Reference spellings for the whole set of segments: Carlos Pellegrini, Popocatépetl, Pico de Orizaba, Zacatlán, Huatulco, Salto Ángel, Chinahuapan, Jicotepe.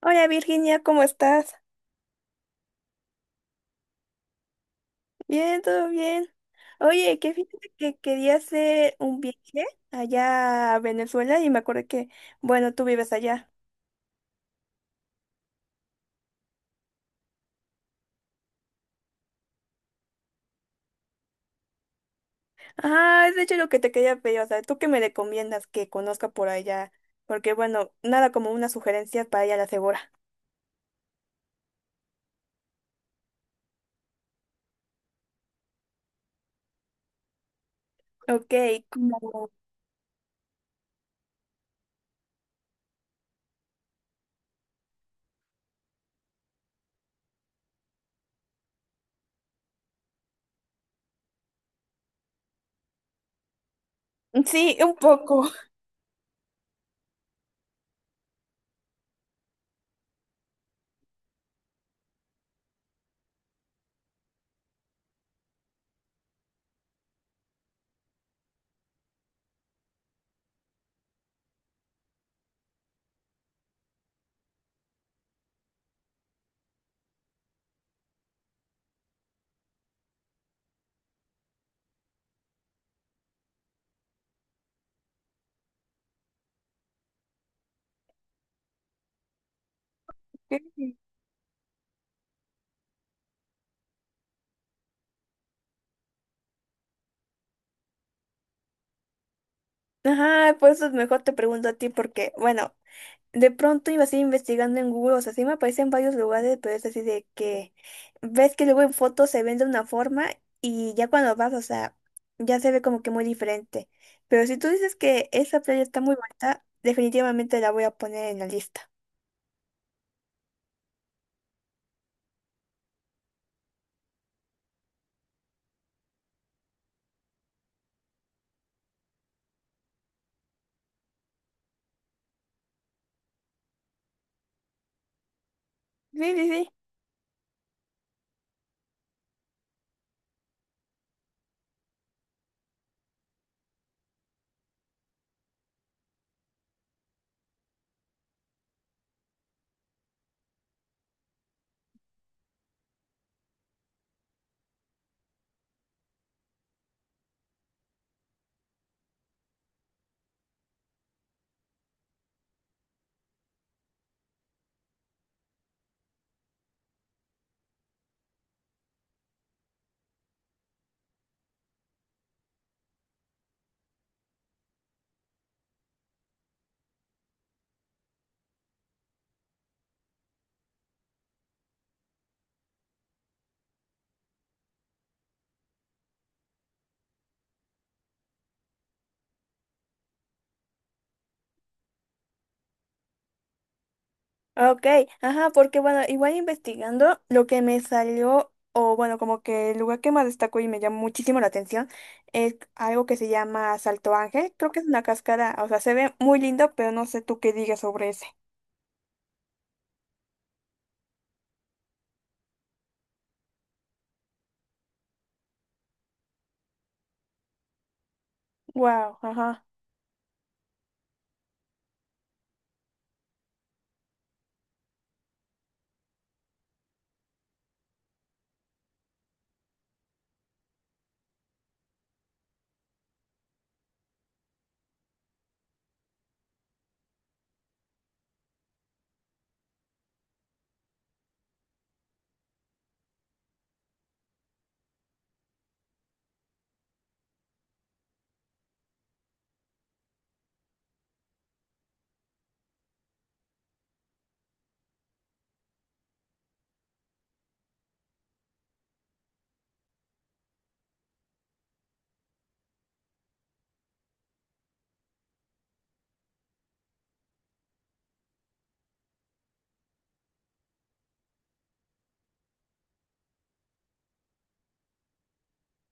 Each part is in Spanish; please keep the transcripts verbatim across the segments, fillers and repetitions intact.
Hola Virginia, ¿cómo estás? Bien, todo bien. Oye, que fíjate que quería hacer un viaje allá a Venezuela y me acordé que, bueno, tú vives allá. Ah, es de hecho lo que te quería pedir, o sea, ¿tú qué me recomiendas que conozca por allá? Porque, bueno, nada como una sugerencia para ir a la segura. Ok, como. Sí, un poco. Ajá, pues eso mejor te pregunto a ti porque, bueno, de pronto iba así investigando en Google, o sea, sí me aparece en varios lugares, pero es así de que ves que luego en fotos se ven de una forma y ya cuando vas, o sea, ya se ve como que muy diferente. Pero si tú dices que esa playa está muy bonita, definitivamente la voy a poner en la lista. Sí, sí, sí. Ok, ajá, porque bueno, igual investigando, lo que me salió, o bueno, como que el lugar que más destacó y me llamó muchísimo la atención, es algo que se llama Salto Ángel. Creo que es una cascada, o sea, se ve muy lindo, pero no sé tú qué digas sobre ese. Wow, ajá,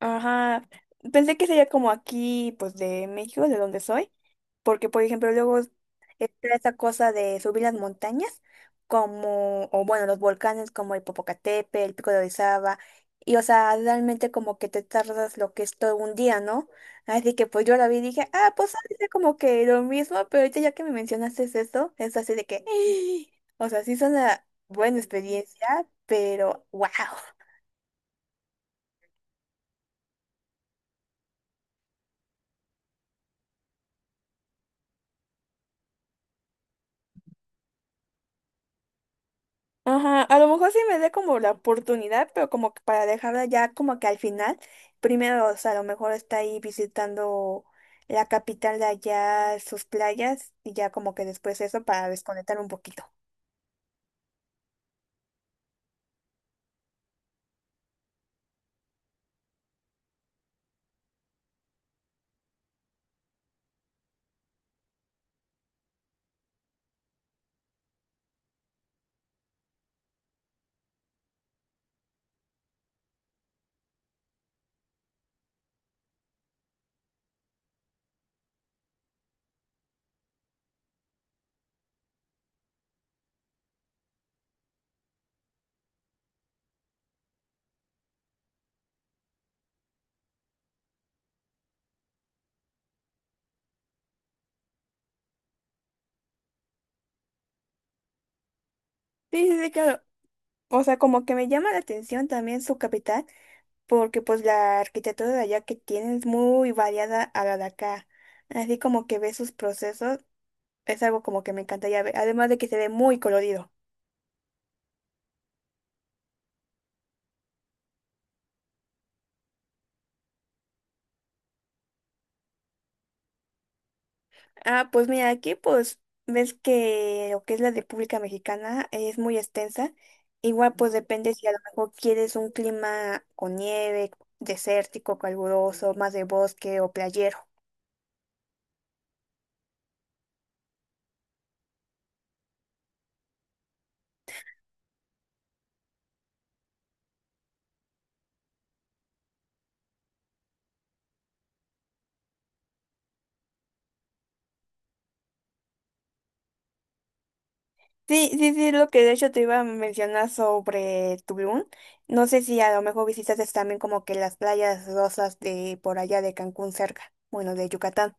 ajá. Pensé que sería como aquí, pues de México, de donde soy. Porque, por ejemplo, luego está esa cosa de subir las montañas, como, o bueno, los volcanes como el Popocatépetl, el Pico de Orizaba, y o sea, realmente como que te tardas lo que es todo un día, ¿no? Así que pues yo la vi y dije, ah, pues ha de ser como que lo mismo, pero ahorita ya que me mencionaste eso, es así de que, o sea, sí es una buena experiencia, pero wow. Ajá, a lo mejor sí me dé como la oportunidad, pero como que para dejarla ya como que al final, primero, o sea, a lo mejor está ahí visitando la capital de allá, sus playas, y ya como que después eso para desconectar un poquito. Sí, sí, sí, claro. O sea, como que me llama la atención también su capital, porque pues la arquitectura de allá que tiene es muy variada a la de acá. Así como que ve sus procesos, es algo como que me encantaría ver, además de que se ve muy colorido. Ah, pues mira, aquí pues ves que lo que es la República Mexicana es muy extensa. Igual pues depende si a lo mejor quieres un clima con nieve, desértico, caluroso, más de bosque o playero. Sí, sí, sí, lo que de hecho te iba a mencionar sobre Tulum. No sé si a lo mejor visitas también como que las playas rosas de por allá de Cancún cerca, bueno, de Yucatán.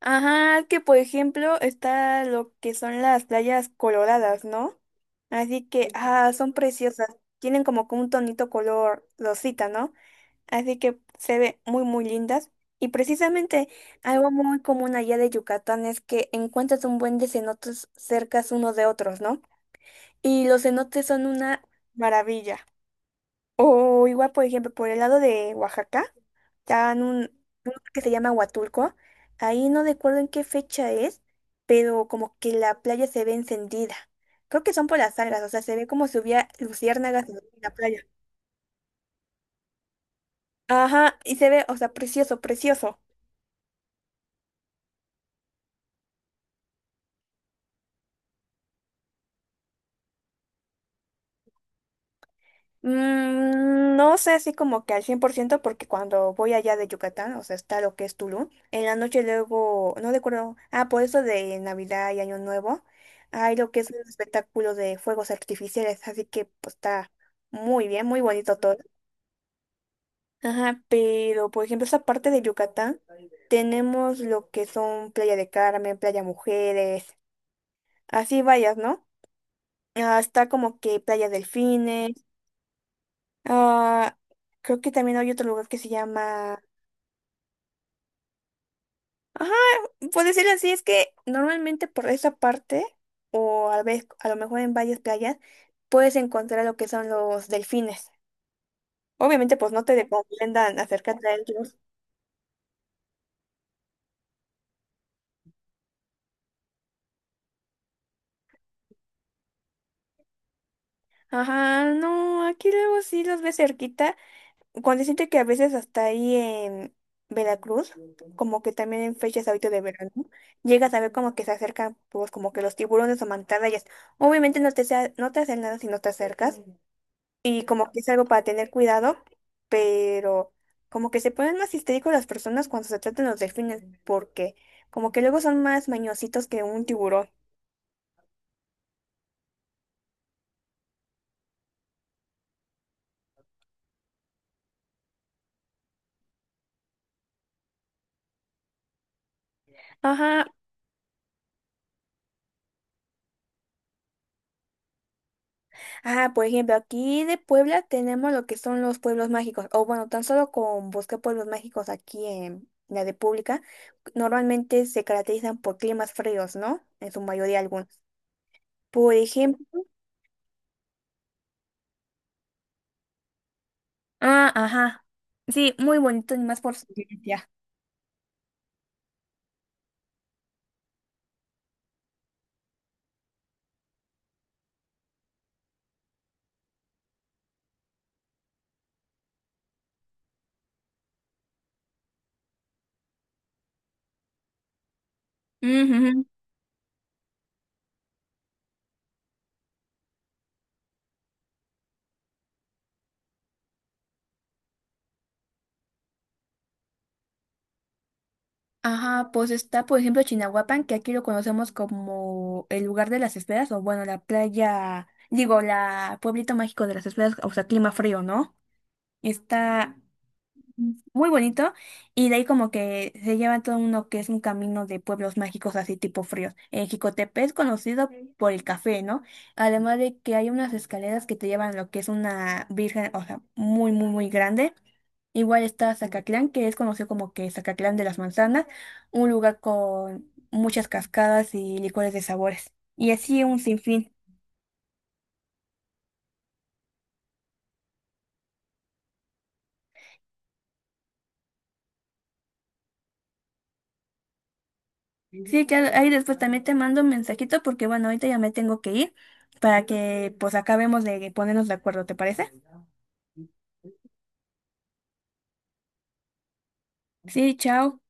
Ajá, es que por ejemplo está lo que son las playas coloradas, ¿no? Así que, ah, son preciosas. Tienen como que un tonito color rosita, ¿no? Así que se ve muy, muy lindas. Y precisamente algo muy común allá de Yucatán es que encuentras un buen de cenotes cercas unos de otros, ¿no? Y los cenotes son una maravilla. O igual, por ejemplo, por el lado de Oaxaca. Está en un, un que se llama Huatulco. Ahí no recuerdo en qué fecha es, pero como que la playa se ve encendida. Creo que son por las algas, o sea, se ve como si hubiera luciérnagas en la playa. Ajá, y se ve, o sea, precioso, precioso. Mm, No sé así como que al cien por ciento porque cuando voy allá de Yucatán, o sea, está lo que es Tulum, en la noche luego, no recuerdo, ah, por eso de Navidad y Año Nuevo, hay lo que es un espectáculo de fuegos artificiales, así que pues está muy bien, muy bonito todo. Ajá, pero por ejemplo esa parte de Yucatán, tenemos lo que son Playa de Carmen, Playa Mujeres, así varias, ¿no? Ah, está como que Playa Delfines. Ah, creo que también hay otro lugar que se llama. Ajá, puede decirlo así, es que normalmente por esa parte, o a vez, a lo mejor en varias playas, puedes encontrar lo que son los delfines. Obviamente, pues no te recomiendan acercarte a ellos. Ajá, no, aquí luego sí los ves cerquita. Cuando siento que a veces hasta ahí en Veracruz, como que también en fechas ahorita de verano, llegas a ver como que se acercan, pues como que los tiburones o mantarrayas. Obviamente no te, sea- no te hacen nada si no te acercas, y como que es algo para tener cuidado, pero como que se ponen más histéricos las personas cuando se tratan los delfines porque como que luego son más mañositos que un tiburón. Ajá, ah, por ejemplo, aquí de Puebla tenemos lo que son los pueblos mágicos, o bueno, tan solo con busqué pueblos mágicos aquí en la República, normalmente se caracterizan por climas fríos, ¿no? En su mayoría algunos. Por ejemplo, ah, ajá, sí, muy bonito, y más por su ciencia. Ujú. Ajá, pues está, por ejemplo, Chinahuapan, que aquí lo conocemos como el lugar de las esferas, o bueno, la playa, digo, la pueblito mágico de las esferas, o sea, clima frío, ¿no? Está muy bonito y de ahí como que se lleva todo uno que es un camino de pueblos mágicos así tipo fríos. En Jicotepe es conocido por el café, ¿no? Además de que hay unas escaleras que te llevan a lo que es una virgen, o sea, muy, muy, muy grande. Igual está Zacatlán, que es conocido como que Zacatlán de las Manzanas, un lugar con muchas cascadas y licores de sabores. Y así un sinfín. Sí, claro, ahí después también te mando un mensajito porque bueno, ahorita ya me tengo que ir para que pues acabemos de ponernos de acuerdo, ¿te parece? Sí, chao.